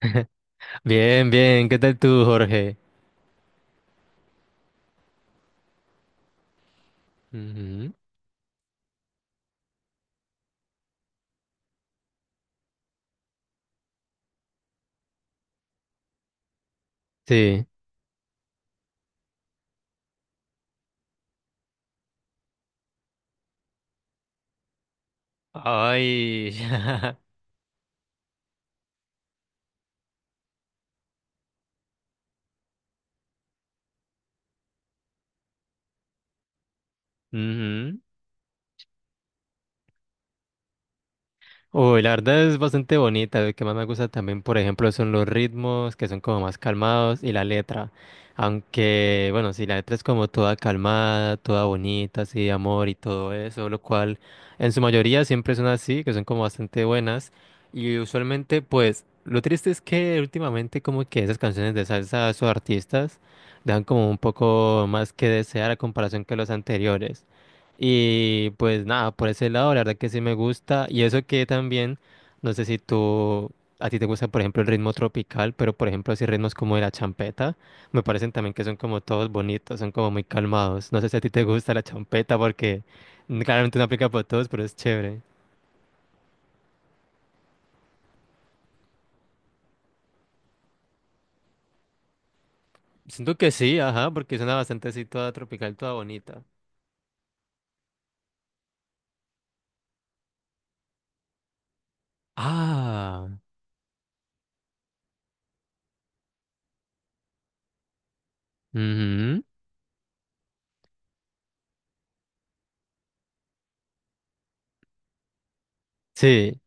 Bien, bien, ¿qué tal tú, Jorge? Ujú. Sí. Ay, ujú. Uy, la verdad es bastante bonita. Lo que más me gusta también, por ejemplo, son los ritmos, que son como más calmados, y la letra. Aunque, bueno, sí, la letra es como toda calmada, toda bonita, así de amor y todo eso, lo cual en su mayoría siempre son así, que son como bastante buenas. Y usualmente, pues, lo triste es que últimamente como que esas canciones de salsa, sus artistas, dan como un poco más que desear a comparación que los anteriores. Y pues nada, por ese lado, la verdad que sí me gusta. Y eso que también, no sé si tú, a ti te gusta, por ejemplo, el ritmo tropical, pero por ejemplo, así ritmos como de la champeta, me parecen también que son como todos bonitos, son como muy calmados. No sé si a ti te gusta la champeta porque claramente no aplica para todos, pero es chévere. Siento que sí, ajá, porque suena bastante así toda tropical, toda bonita. Ah, ujú. Sí,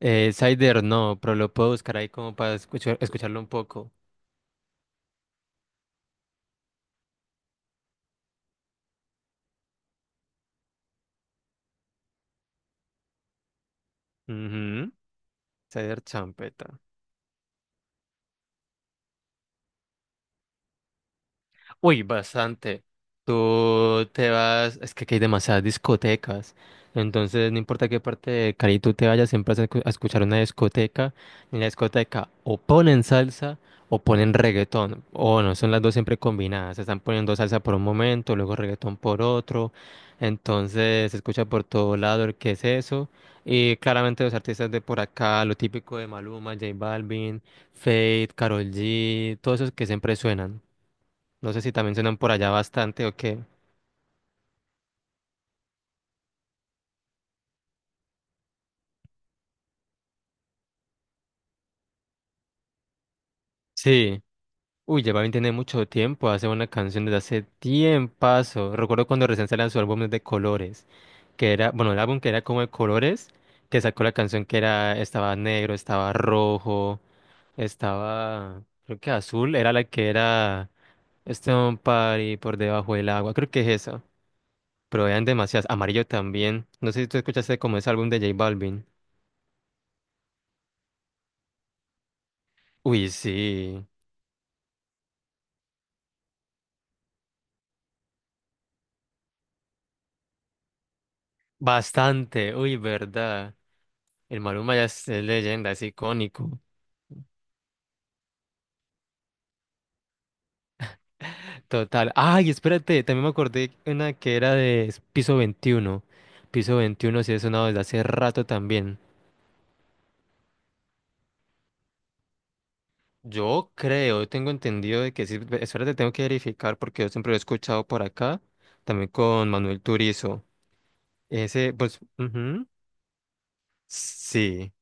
Cider no, pero lo puedo buscar ahí como para escuchar, escucharlo un poco. Ujú. Ceder champeta. Uy, bastante. Tú te vas, es que aquí hay demasiadas discotecas. Entonces, no importa qué parte de Cali tú te vayas, siempre vas a a escuchar una discoteca. En la discoteca o ponen salsa o ponen reggaetón. O no, son las dos siempre combinadas. Se están poniendo salsa por un momento, luego reggaetón por otro. Entonces, se escucha por todo lado el qué es eso. Y claramente los artistas de por acá, lo típico de Maluma, J Balvin, Fate, Karol G, todos esos que siempre suenan. No sé si también suenan por allá bastante o qué. Sí. Uy, Balvin tiene mucho tiempo. Hace una canción desde hace tiempazo. Recuerdo cuando recién salió su álbum de colores. Que era, bueno, el álbum que era como de colores. Que sacó la canción que era, estaba negro, estaba rojo, estaba, creo que azul. Era la que era Stone Party por debajo del agua. Creo que es eso. Pero eran demasiadas. Amarillo también. No sé si tú escuchaste como ese álbum de J Balvin. Uy, sí. Bastante. Uy, verdad. El Maluma ya es leyenda, es icónico. Total. Ay, espérate, también me acordé una que era de Piso 21. Piso 21 sí es sonado desde hace rato también. Yo creo, tengo entendido de que sí. Espérate, tengo que verificar porque yo siempre lo he escuchado por acá. También con Manuel Turizo. Ese, pues, ujú, sí,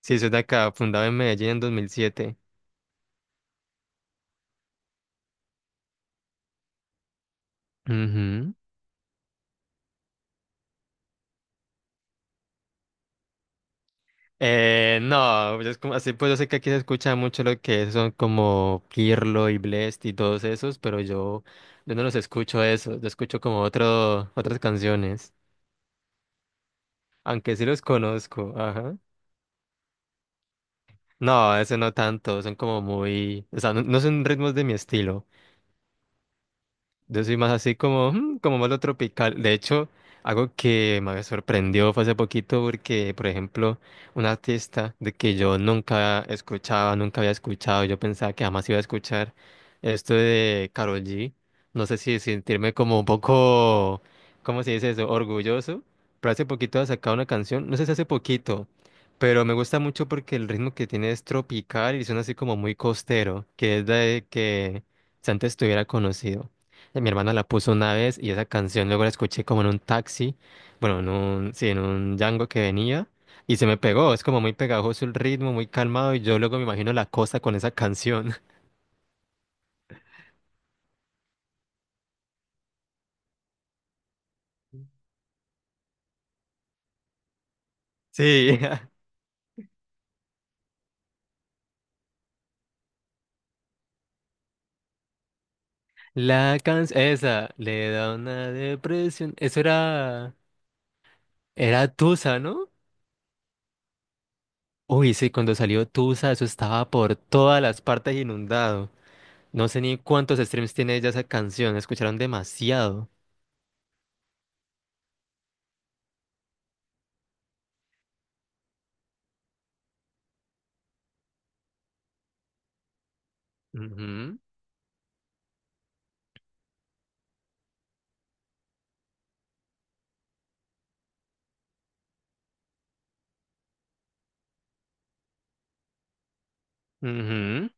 sí, eso es de acá, fundado en Medellín en 2007. Ujú. No, es como así, pues yo sé que aquí se escucha mucho lo que son como Kirlo y Blest y todos esos, pero yo no los escucho eso, yo escucho como otras canciones, aunque sí los conozco, ajá. No, ese no tanto, son como muy, o sea, no, no son ritmos de mi estilo. Yo soy más así como, "Mm, como malo tropical". De hecho, algo que me sorprendió fue hace poquito porque, por ejemplo, un artista de que yo nunca escuchaba, nunca había escuchado, yo pensaba que jamás iba a escuchar esto de Karol G. No sé si sentirme como un poco, ¿cómo se dice eso? Orgulloso. Pero hace poquito ha sacado una canción, no sé si hace poquito, pero me gusta mucho porque el ritmo que tiene es tropical y suena así como muy costero, que es de que si antes estuviera conocido. Mi hermana la puso una vez y esa canción luego la escuché como en un taxi, bueno, en un, sí, en un Django que venía y se me pegó. Es como muy pegajoso el ritmo, muy calmado y yo luego me imagino la costa con esa canción. Sí, la canción, esa, le da una depresión. Eso era, era Tusa, ¿no? Uy, sí, cuando salió Tusa, eso estaba por todas las partes inundado. No sé ni cuántos streams tiene ella esa canción, la escucharon demasiado. Ujú, ujú.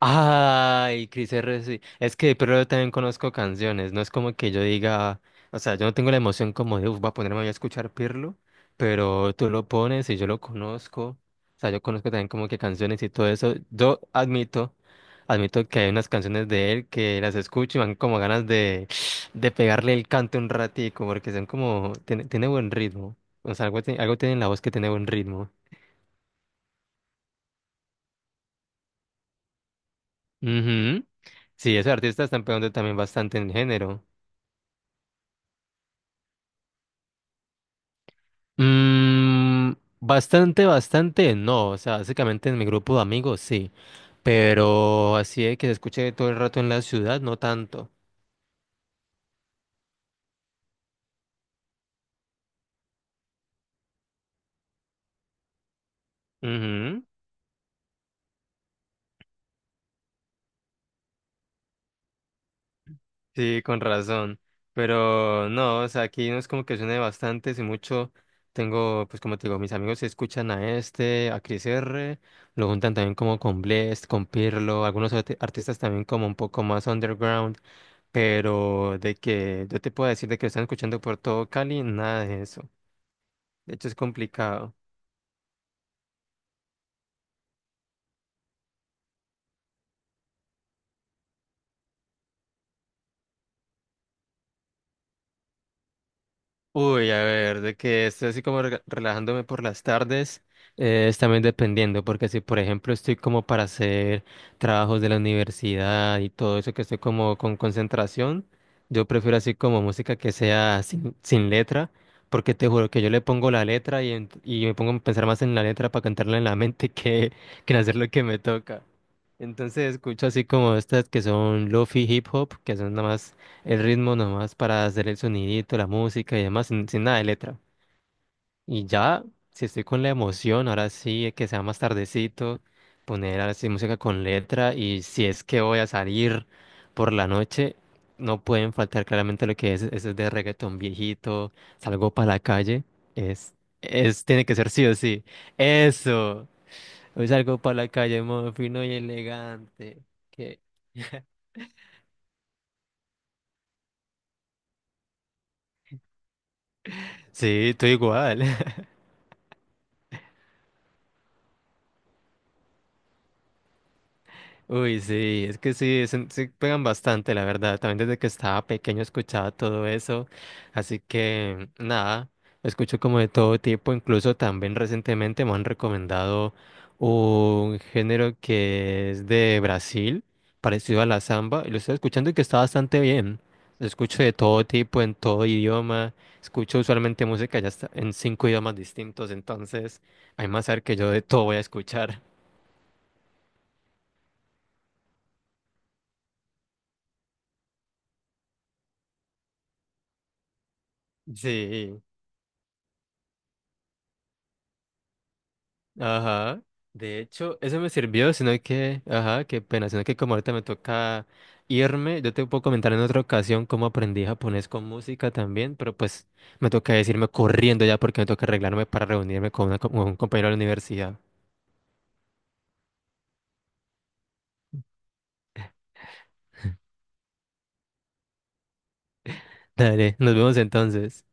Ay, Cris R. sí. Es que, pero yo también conozco canciones. No es como que yo diga, o sea, yo no tengo la emoción como de, uff, voy a ponerme a escuchar Pirlo, pero tú lo pones y yo lo conozco. O sea, yo conozco también como que canciones y todo eso. Yo admito, admito que hay unas canciones de él que las escucho y me dan como ganas de pegarle el canto un ratico, porque son como, tiene buen ritmo. O sea, algo, algo tiene en la voz que tiene buen ritmo. Ujú. Sí, esos artistas están pegando también bastante en género. Mm, bastante, bastante, no. O sea, básicamente en mi grupo de amigos sí. Pero así de que se escuche todo el rato en la ciudad, no tanto. Ujú, sí, con razón. Pero no, o sea, aquí no es como que suene bastante, si mucho tengo, pues como te digo, mis amigos se escuchan a este, a Chris R, lo juntan también como con Blest, con Pirlo, algunos artistas también como un poco más underground, pero de que yo te puedo decir de que lo están escuchando por todo Cali, nada de eso. De hecho, es complicado. Uy, a ver, de que estoy así como relajándome por las tardes, es también dependiendo, porque si, por ejemplo, estoy como para hacer trabajos de la universidad y todo eso, que estoy como con concentración, yo prefiero así como música que sea sin letra, porque te juro que yo le pongo la letra y, y me pongo a pensar más en la letra para cantarla en la mente que en hacer lo que me toca. Entonces escucho así como estas que son lofi hip hop, que son nada más el ritmo nomás para hacer el sonidito, la música y demás, sin nada de letra. Y ya, si estoy con la emoción, ahora sí, que sea más tardecito, poner ahora sí música con letra y si es que voy a salir por la noche, no pueden faltar claramente lo que es, eso es de reggaetón viejito, salgo para la calle, es, es, tiene que ser sí o sí, eso, hoy salgo para la calle, modo fino y elegante. Que sí, estoy igual. Uy, sí, es que sí, sí pegan bastante, la verdad. También desde que estaba pequeño escuchaba todo eso. Así que, nada, escucho como de todo tipo. Incluso también recientemente me han recomendado un género que es de Brasil, parecido a la samba. Y lo estoy escuchando y que está bastante bien. Lo escucho de todo tipo, en todo idioma. Escucho usualmente música ya está en cinco idiomas distintos. Entonces, hay más saber que yo de todo voy a escuchar. Sí. Ajá. De hecho, eso me sirvió, sino que, ajá, qué pena, sino que como ahorita me toca irme, yo te puedo comentar en otra ocasión cómo aprendí japonés con música también, pero pues me toca decirme corriendo ya porque me toca arreglarme para reunirme con un compañero de la universidad. Dale, nos vemos entonces.